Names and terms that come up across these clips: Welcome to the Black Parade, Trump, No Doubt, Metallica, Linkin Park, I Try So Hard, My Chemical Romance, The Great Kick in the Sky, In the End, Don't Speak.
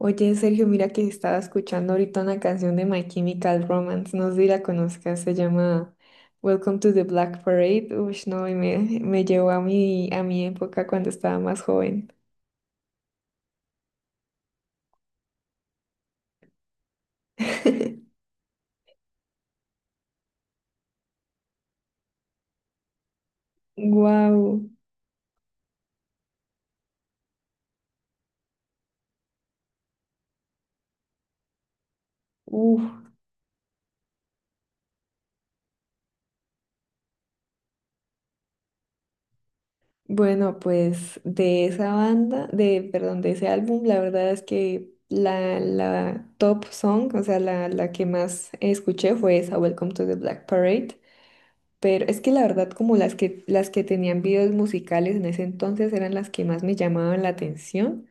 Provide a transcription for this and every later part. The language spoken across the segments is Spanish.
Oye, Sergio, mira que estaba escuchando ahorita una canción de My Chemical Romance, no sé si la conozcas, se llama Welcome to the Black Parade. Uy, no, y me llevó a mi época cuando estaba más joven. Wow. Uf. Bueno, pues de esa banda, de ese álbum, la verdad es que la top song, o sea, la que más escuché fue esa Welcome to the Black Parade. Pero es que la verdad, como las que tenían videos musicales en ese entonces eran las que más me llamaban la atención.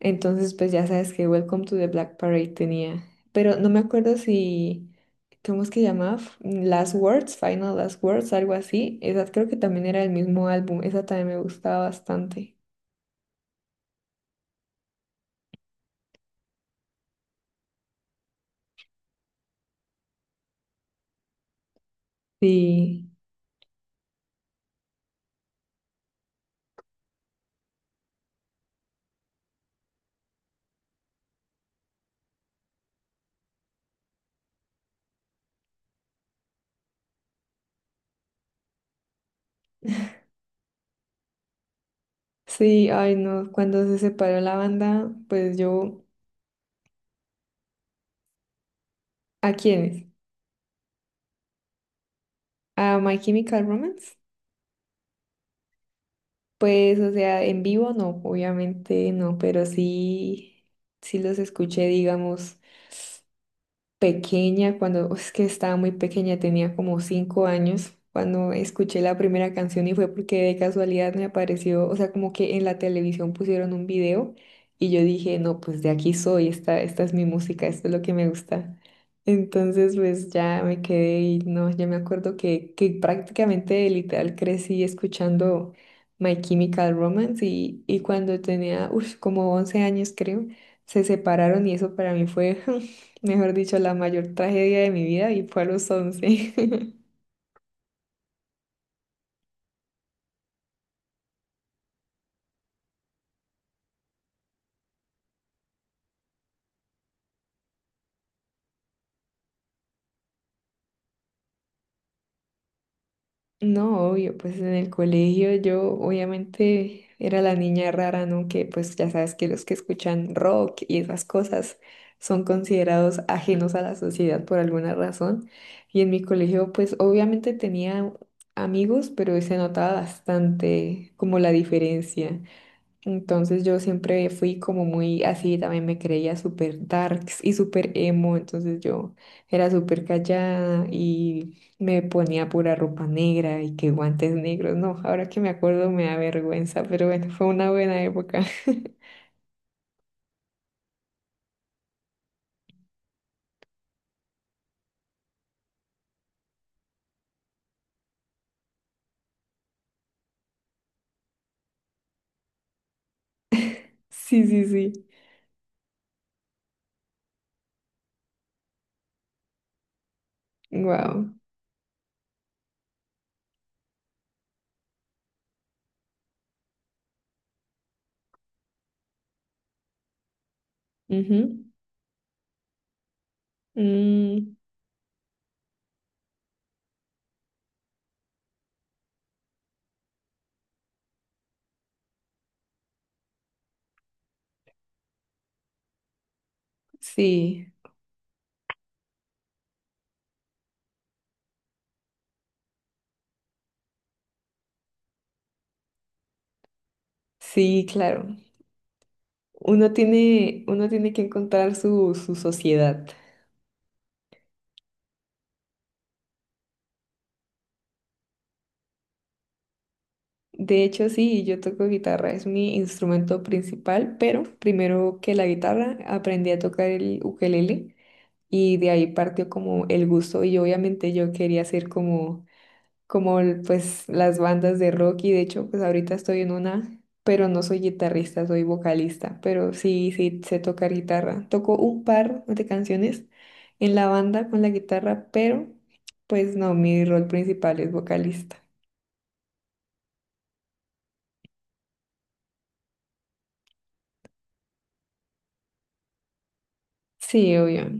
Entonces, pues ya sabes que Welcome to the Black Parade tenía. Pero no me acuerdo si, ¿cómo es que llamaba? Last Words, Final Last Words, algo así. Esa creo que también era el mismo álbum. Esa también me gustaba bastante. Sí, sí, ay no. Cuando se separó la banda, pues yo, ¿a quiénes? ¿A My Chemical Romance? Pues, o sea, en vivo no, obviamente no, pero sí, sí los escuché, digamos pequeña, cuando es que estaba muy pequeña, tenía como 5 años, cuando escuché la primera canción y fue porque de casualidad me apareció, o sea, como que en la televisión pusieron un video y yo dije, no, pues de aquí soy, esta es mi música, esto es lo que me gusta. Entonces, pues ya me quedé y no, ya me acuerdo que prácticamente literal crecí escuchando My Chemical Romance y cuando tenía, como 11 años creo, se separaron y eso para mí fue... Mejor dicho, la mayor tragedia de mi vida y fue a los 11. No, obvio, pues en el colegio yo obviamente era la niña rara, ¿no? Que pues ya sabes que los que escuchan rock y esas cosas son considerados ajenos a la sociedad por alguna razón. Y en mi colegio pues obviamente tenía amigos, pero se notaba bastante como la diferencia. Entonces yo siempre fui como muy así, también me creía súper darks y súper emo, entonces yo era súper callada y me ponía pura ropa negra y que guantes negros. No, ahora que me acuerdo me da vergüenza, pero bueno, fue una buena época. Sí, sí, sí. Wow. Sí, sí, claro. Uno tiene que encontrar su, su sociedad. De hecho, sí, yo toco guitarra, es mi instrumento principal, pero primero que la guitarra aprendí a tocar el ukelele y de ahí partió como el gusto y obviamente yo quería ser como, pues las bandas de rock y de hecho pues ahorita estoy en una, pero no soy guitarrista, soy vocalista, pero sí, sí sé tocar guitarra. Toco un par de canciones en la banda con la guitarra, pero pues no, mi rol principal es vocalista. Sí, obvio.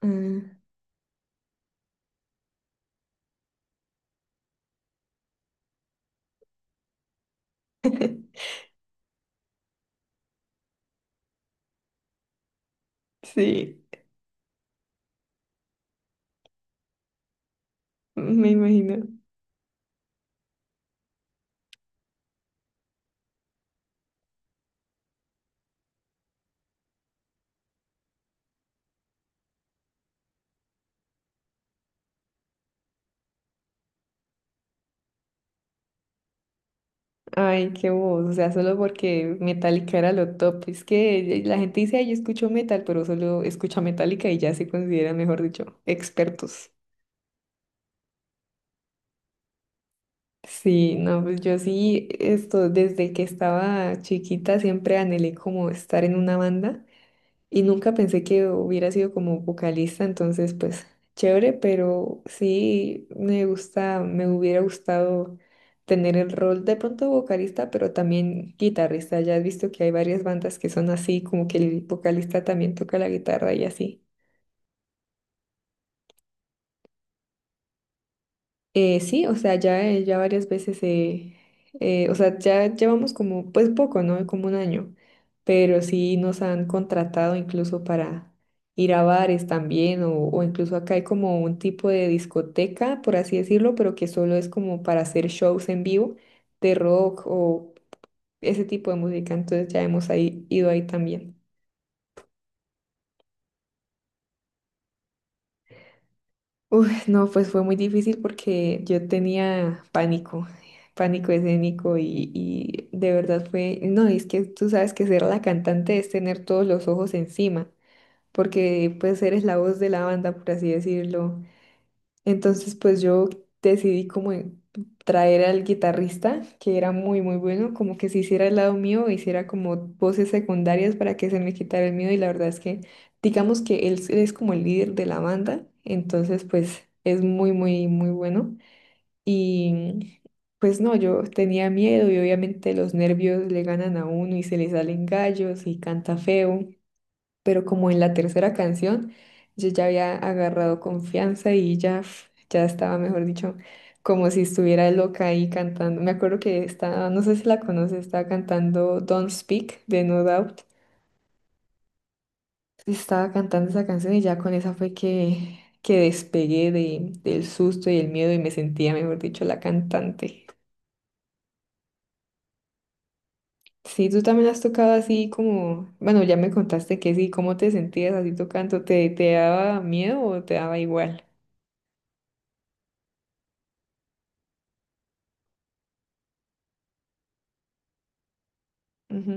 Ah, Sí, me imagino. Ay, qué voz, o sea, solo porque Metallica era lo top. Es que la gente dice, ay, yo escucho metal, pero solo escucha Metallica y ya se consideran, mejor dicho, expertos. Sí, no, pues yo sí, esto, desde que estaba chiquita siempre anhelé como estar en una banda. Y nunca pensé que hubiera sido como vocalista, entonces pues chévere, pero sí me gusta, me hubiera gustado tener el rol de pronto vocalista, pero también guitarrista. Ya has visto que hay varias bandas que son así, como que el vocalista también toca la guitarra y así. Sí, o sea, ya, ya varias veces, o sea, ya llevamos como, pues poco, ¿no? Como 1 año, pero sí nos han contratado incluso para ir a bares también, o incluso acá hay como un tipo de discoteca, por así decirlo, pero que solo es como para hacer shows en vivo de rock o ese tipo de música, entonces ya hemos ahí, ido ahí también. Uy, no, pues fue muy difícil porque yo tenía pánico, pánico escénico y de verdad fue, no, es que tú sabes que ser la cantante es tener todos los ojos encima, porque pues eres la voz de la banda, por así decirlo, entonces, pues yo decidí traer al guitarrista, que era muy, muy bueno, como que se hiciera al lado mío, hiciera como voces secundarias para que se me quitara el miedo. Y la verdad es que, digamos que él es como el líder de la banda, entonces, pues es muy, muy, muy bueno. Y pues no, yo tenía miedo y obviamente los nervios le ganan a uno y se le salen gallos y canta feo, pero como en la tercera canción yo ya había agarrado confianza y ya, pf, ya estaba, mejor dicho, como si estuviera loca ahí cantando. Me acuerdo que estaba, no sé si la conoces, estaba cantando Don't Speak de No Doubt. Estaba cantando esa canción y ya con esa fue que despegué del susto y el miedo y me sentía, mejor dicho, la cantante. Sí, tú también has tocado así como, bueno, ya me contaste que sí, ¿cómo te sentías así tocando? ¿Te daba miedo o te daba igual? Ujú.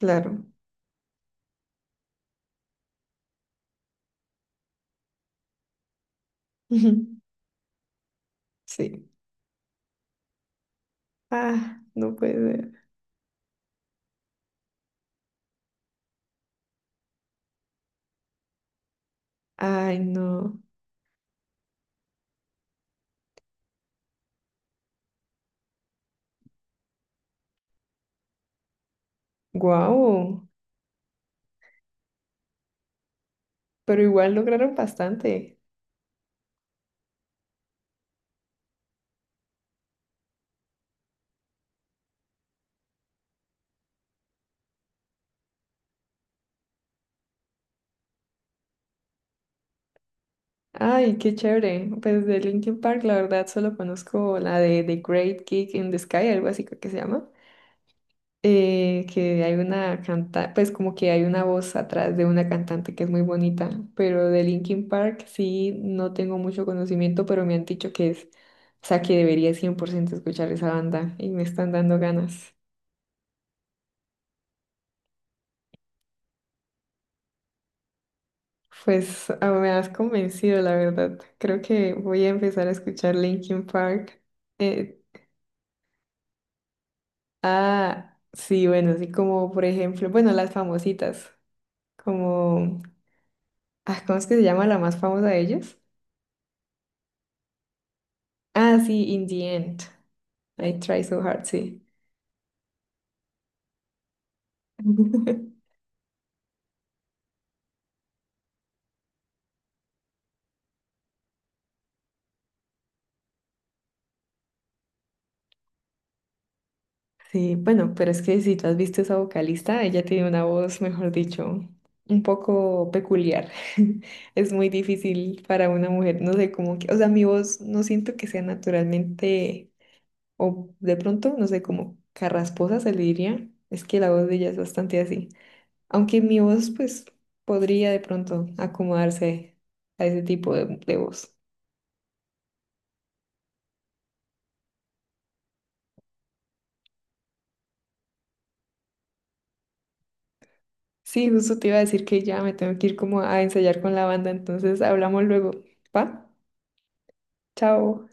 Claro. Ujú. Sí. Ah, no puede ser. Ay, no. Guau. Pero igual lograron bastante. Ay, qué chévere. Pues de Linkin Park, la verdad, solo conozco la de The Great Kick in the Sky, algo así creo que se llama. Que hay una cantante, pues como que hay una voz atrás de una cantante que es muy bonita. Pero de Linkin Park sí no tengo mucho conocimiento, pero me han dicho que es, o sea, que debería 100% escuchar esa banda y me están dando ganas. Pues ah, me has convencido, la verdad. Creo que voy a empezar a escuchar Linkin Park. Eh, ah, sí, bueno, así como por ejemplo, bueno, las famositas, como, ah, ¿cómo es que se llama la más famosa de ellas? Ah, sí, In the End. I Try So Hard, sí. Sí, bueno, pero es que si tú has visto esa vocalista, ella tiene una voz, mejor dicho, un poco peculiar. Es muy difícil para una mujer, no sé cómo que, o sea, mi voz no siento que sea naturalmente, o de pronto, no sé, como carrasposa se le diría. Es que la voz de ella es bastante así. Aunque mi voz, pues, podría de pronto acomodarse a ese tipo de voz. Sí, justo te iba a decir que ya me tengo que ir como a ensayar con la banda, entonces hablamos luego. ¿Va? Chao.